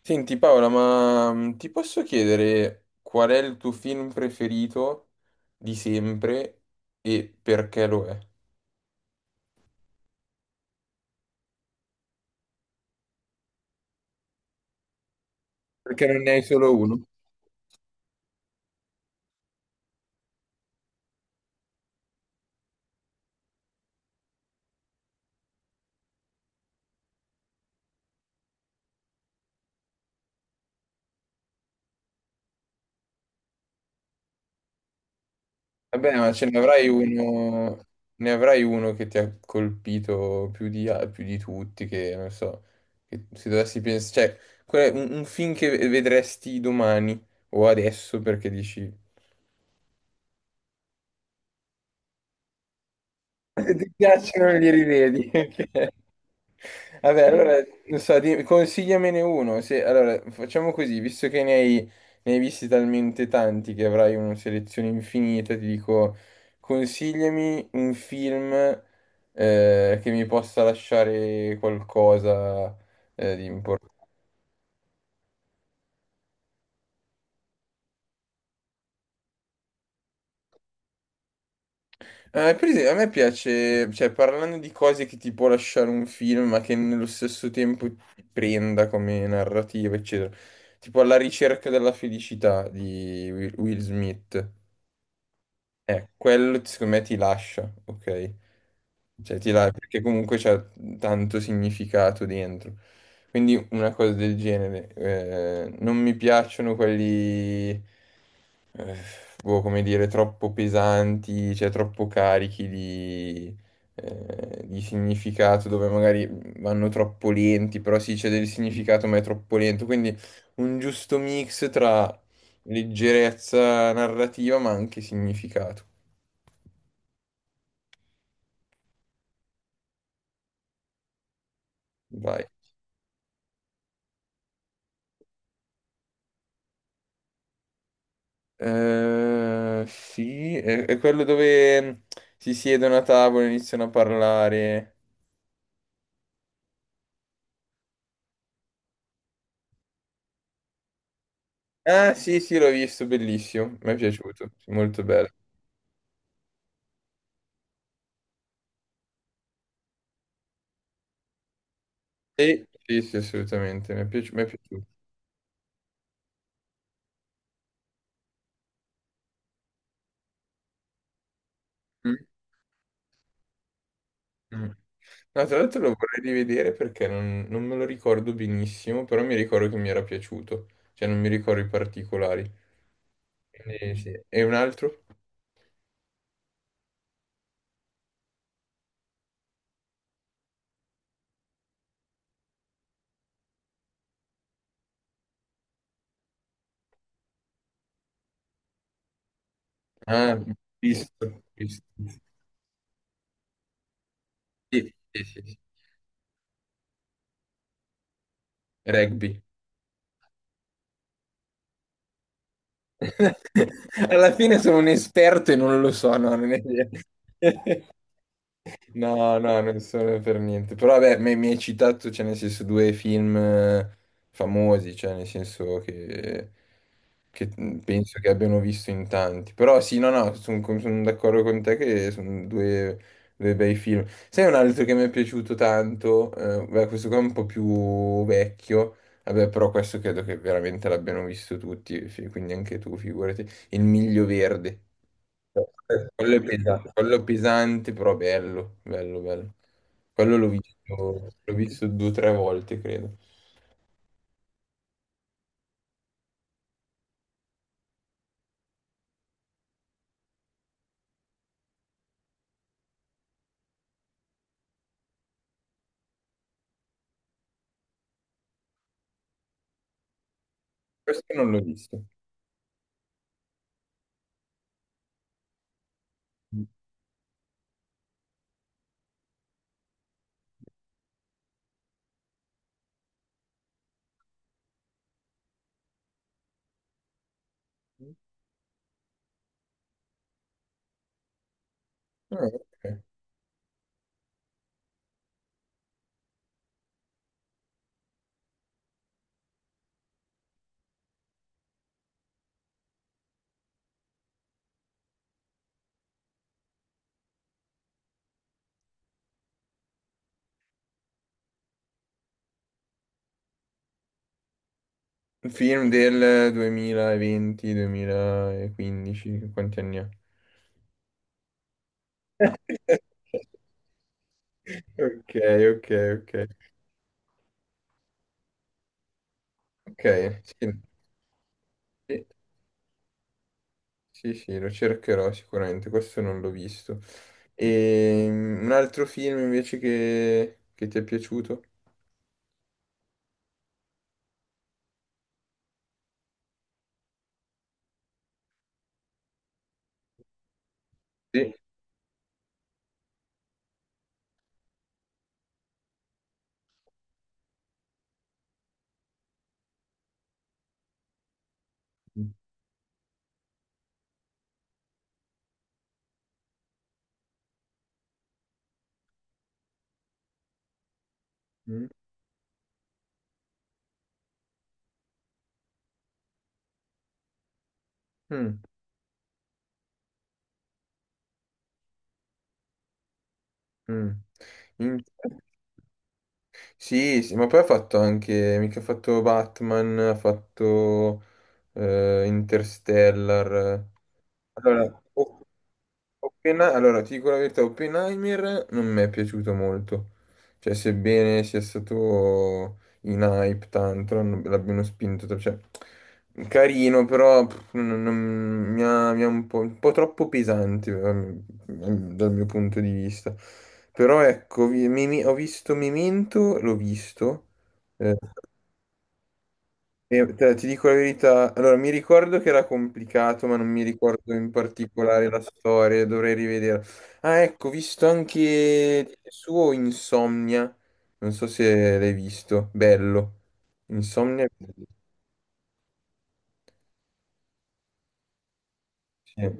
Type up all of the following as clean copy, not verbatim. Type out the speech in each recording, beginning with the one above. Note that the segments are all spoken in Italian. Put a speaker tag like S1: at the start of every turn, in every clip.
S1: Senti Paola, ma ti posso chiedere qual è il tuo film preferito di sempre e perché lo è? Perché non ne hai solo uno? Vabbè, ma ce ne avrai uno che ti ha colpito più di, più di tutti, che non so, che se dovessi pensare, cioè, qual è un film che vedresti domani o adesso perché dici, Se ti piacciono li rivedi. Ok. Vabbè, allora, non so, consigliamene uno. Allora, facciamo così, visto che ne hai, ne hai visti talmente tanti che avrai una selezione infinita, ti dico, consigliami un film che mi possa lasciare qualcosa, di importante. Per esempio, a me piace, cioè, parlando di cose che ti può lasciare un film, ma che nello stesso tempo ti prenda come narrativa, eccetera. Tipo La ricerca della felicità di Will Smith. Quello secondo me ti lascia, ok? Perché comunque c'è tanto significato dentro. Quindi una cosa del genere. Non mi piacciono quelli, boh, come dire, troppo pesanti, cioè troppo carichi di significato, dove magari vanno troppo lenti, però sì, c'è del significato, ma è troppo lento. Quindi un giusto mix tra leggerezza narrativa, ma anche significato. Vai. Sì, è quello dove si siedono a tavola e iniziano a parlare. Ah, sì, sì, l'ho visto, bellissimo, mi è piaciuto, molto bello. Sì, sì, sì, assolutamente, mi è piaciuto. Mm, mm. No, tra l'altro lo vorrei rivedere perché non me lo ricordo benissimo, però mi ricordo che mi era piaciuto, cioè non mi ricordo i particolari. Quindi sì. E un altro? Ah, visto, visto. Sì, sì, sì, sì. Rugby. Alla fine sono un esperto e non lo so, no, non è vero. No, no, non sono per niente. Però vabbè, mi hai citato, cioè, nel senso, due film, famosi, cioè, nel senso che, penso che abbiano visto in tanti. Però sì, no, no, sono d'accordo con te che sono due, due bei film. Sai un altro che mi è piaciuto tanto? Beh, questo qua è un po' più vecchio. Vabbè, però questo credo che veramente l'abbiano visto tutti, quindi anche tu, figurati. Il Miglio Verde. Quello è pesante, quello pesante, però bello, bello, bello. Quello l'ho visto due o tre volte, credo. Questo non l'ho visto. Ah, ok. Un film del 2020, 2015, quanti anni ha? Ok, ok, ok. Ok, sì. Sì. Sì, sì, lo cercherò sicuramente, questo non l'ho visto. E un altro film invece che ti è piaciuto? Sì. Mm, mm, mm. In- Sì, sì, ma poi ha fatto anche, mica ha fatto Batman, ha fatto Interstellar. Allora, o Allora, ti dico la verità, Oppenheimer non mi è piaciuto molto. Cioè, sebbene sia stato in hype tanto, l'abbiano spinto, cioè, carino, però pff, mi ha un po' troppo pesante, dal mio punto di vista. Però ecco, ho visto Memento, l'ho visto, eh, e ti dico la verità, allora mi ricordo che era complicato, ma non mi ricordo in particolare la storia, dovrei rivedere. Ah, ecco, ho visto anche il suo Insomnia, non so se l'hai visto, bello. Insomnia, sì.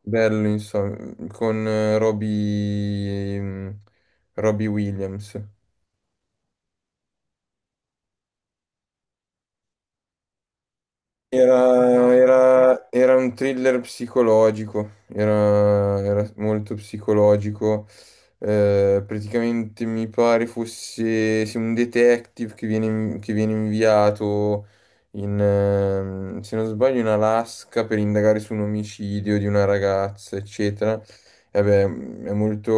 S1: Bello, insomma, con Robbie, Robbie Williams. Era un thriller psicologico, era, era molto psicologico. Praticamente mi pare fosse sì, un detective che viene inviato in, se non sbaglio, in Alaska per indagare su un omicidio di una ragazza, eccetera. E vabbè, è molto,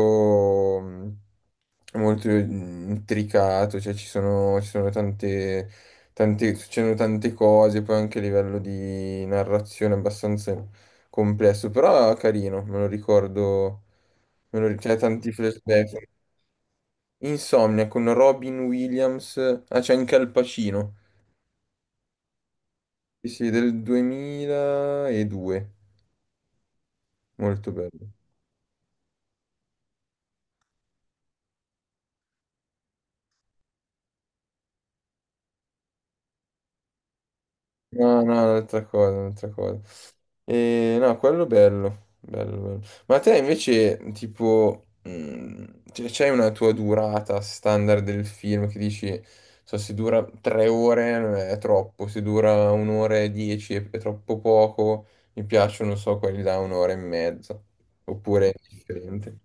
S1: molto intricato, cioè ci sono succedono tante cose, poi anche a livello di narrazione è abbastanza complesso, però carino, me lo ricordo, c'è tanti flashback. Insomnia con Robin Williams, ah c'è anche Al Pacino, sì, sì, del 2002, molto bello. No, no, un'altra cosa, un'altra cosa. No, quello bello, bello, bello. Ma te invece, tipo, cioè, c'hai una tua durata standard del film che dici, so, se dura 3 ore, è troppo, se dura 1 ora e 10 è troppo poco, mi piacciono, non so, quelli da 1 ora e mezza, oppure è differente.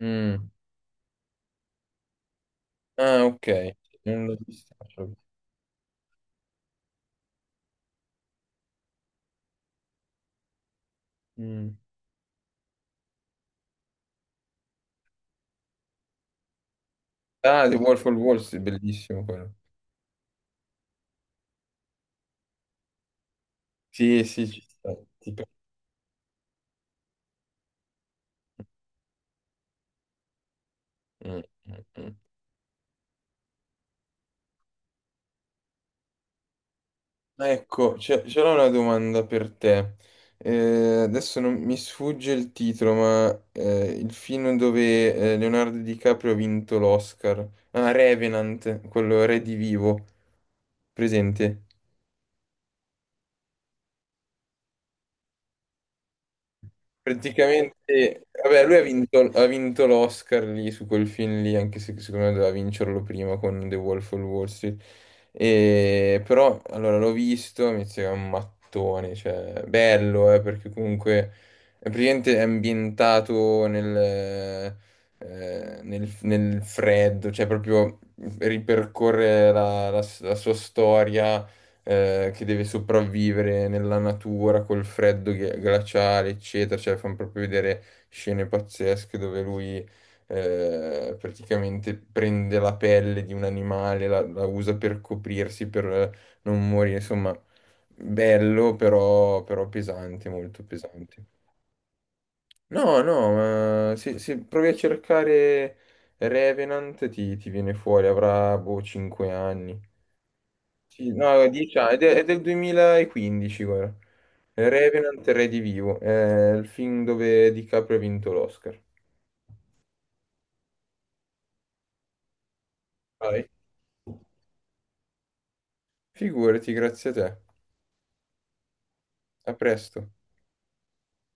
S1: Mm. Ah, ok. Non l'ho visto. Mm. Ah, The Wolf of Wall Street, bellissimo quello. Sì, sì, ci sta. Tipo... Mm, mm, mm. Ecco, c'era una domanda per te. Adesso non mi sfugge il titolo, ma il film dove Leonardo DiCaprio ha vinto l'Oscar. Ah, Revenant, quello Re di Vivo, presente? Praticamente, vabbè, lui ha vinto l'Oscar lì su quel film lì, anche se secondo me doveva vincerlo prima con The Wolf of Wall Street. E, però, allora, l'ho visto, mi sembra un mattone, cioè, bello, perché comunque è praticamente ambientato nel, nel, nel freddo, cioè proprio ripercorre la sua storia, che deve sopravvivere nella natura col freddo glaciale, eccetera. Cioè, fanno proprio vedere scene pazzesche dove lui, praticamente prende la pelle di un animale, la usa per coprirsi, per non morire. Insomma, bello, però, però pesante, molto pesante. No, no, ma se, se provi a cercare Revenant ti, ti viene fuori, avrà boh 5 anni. Sì, no, 10 anni, ed è, è del 2015, guarda. Revenant Redivivo, è il film dove DiCaprio ha vinto l'Oscar. Vai. Figurati, grazie a te. A presto.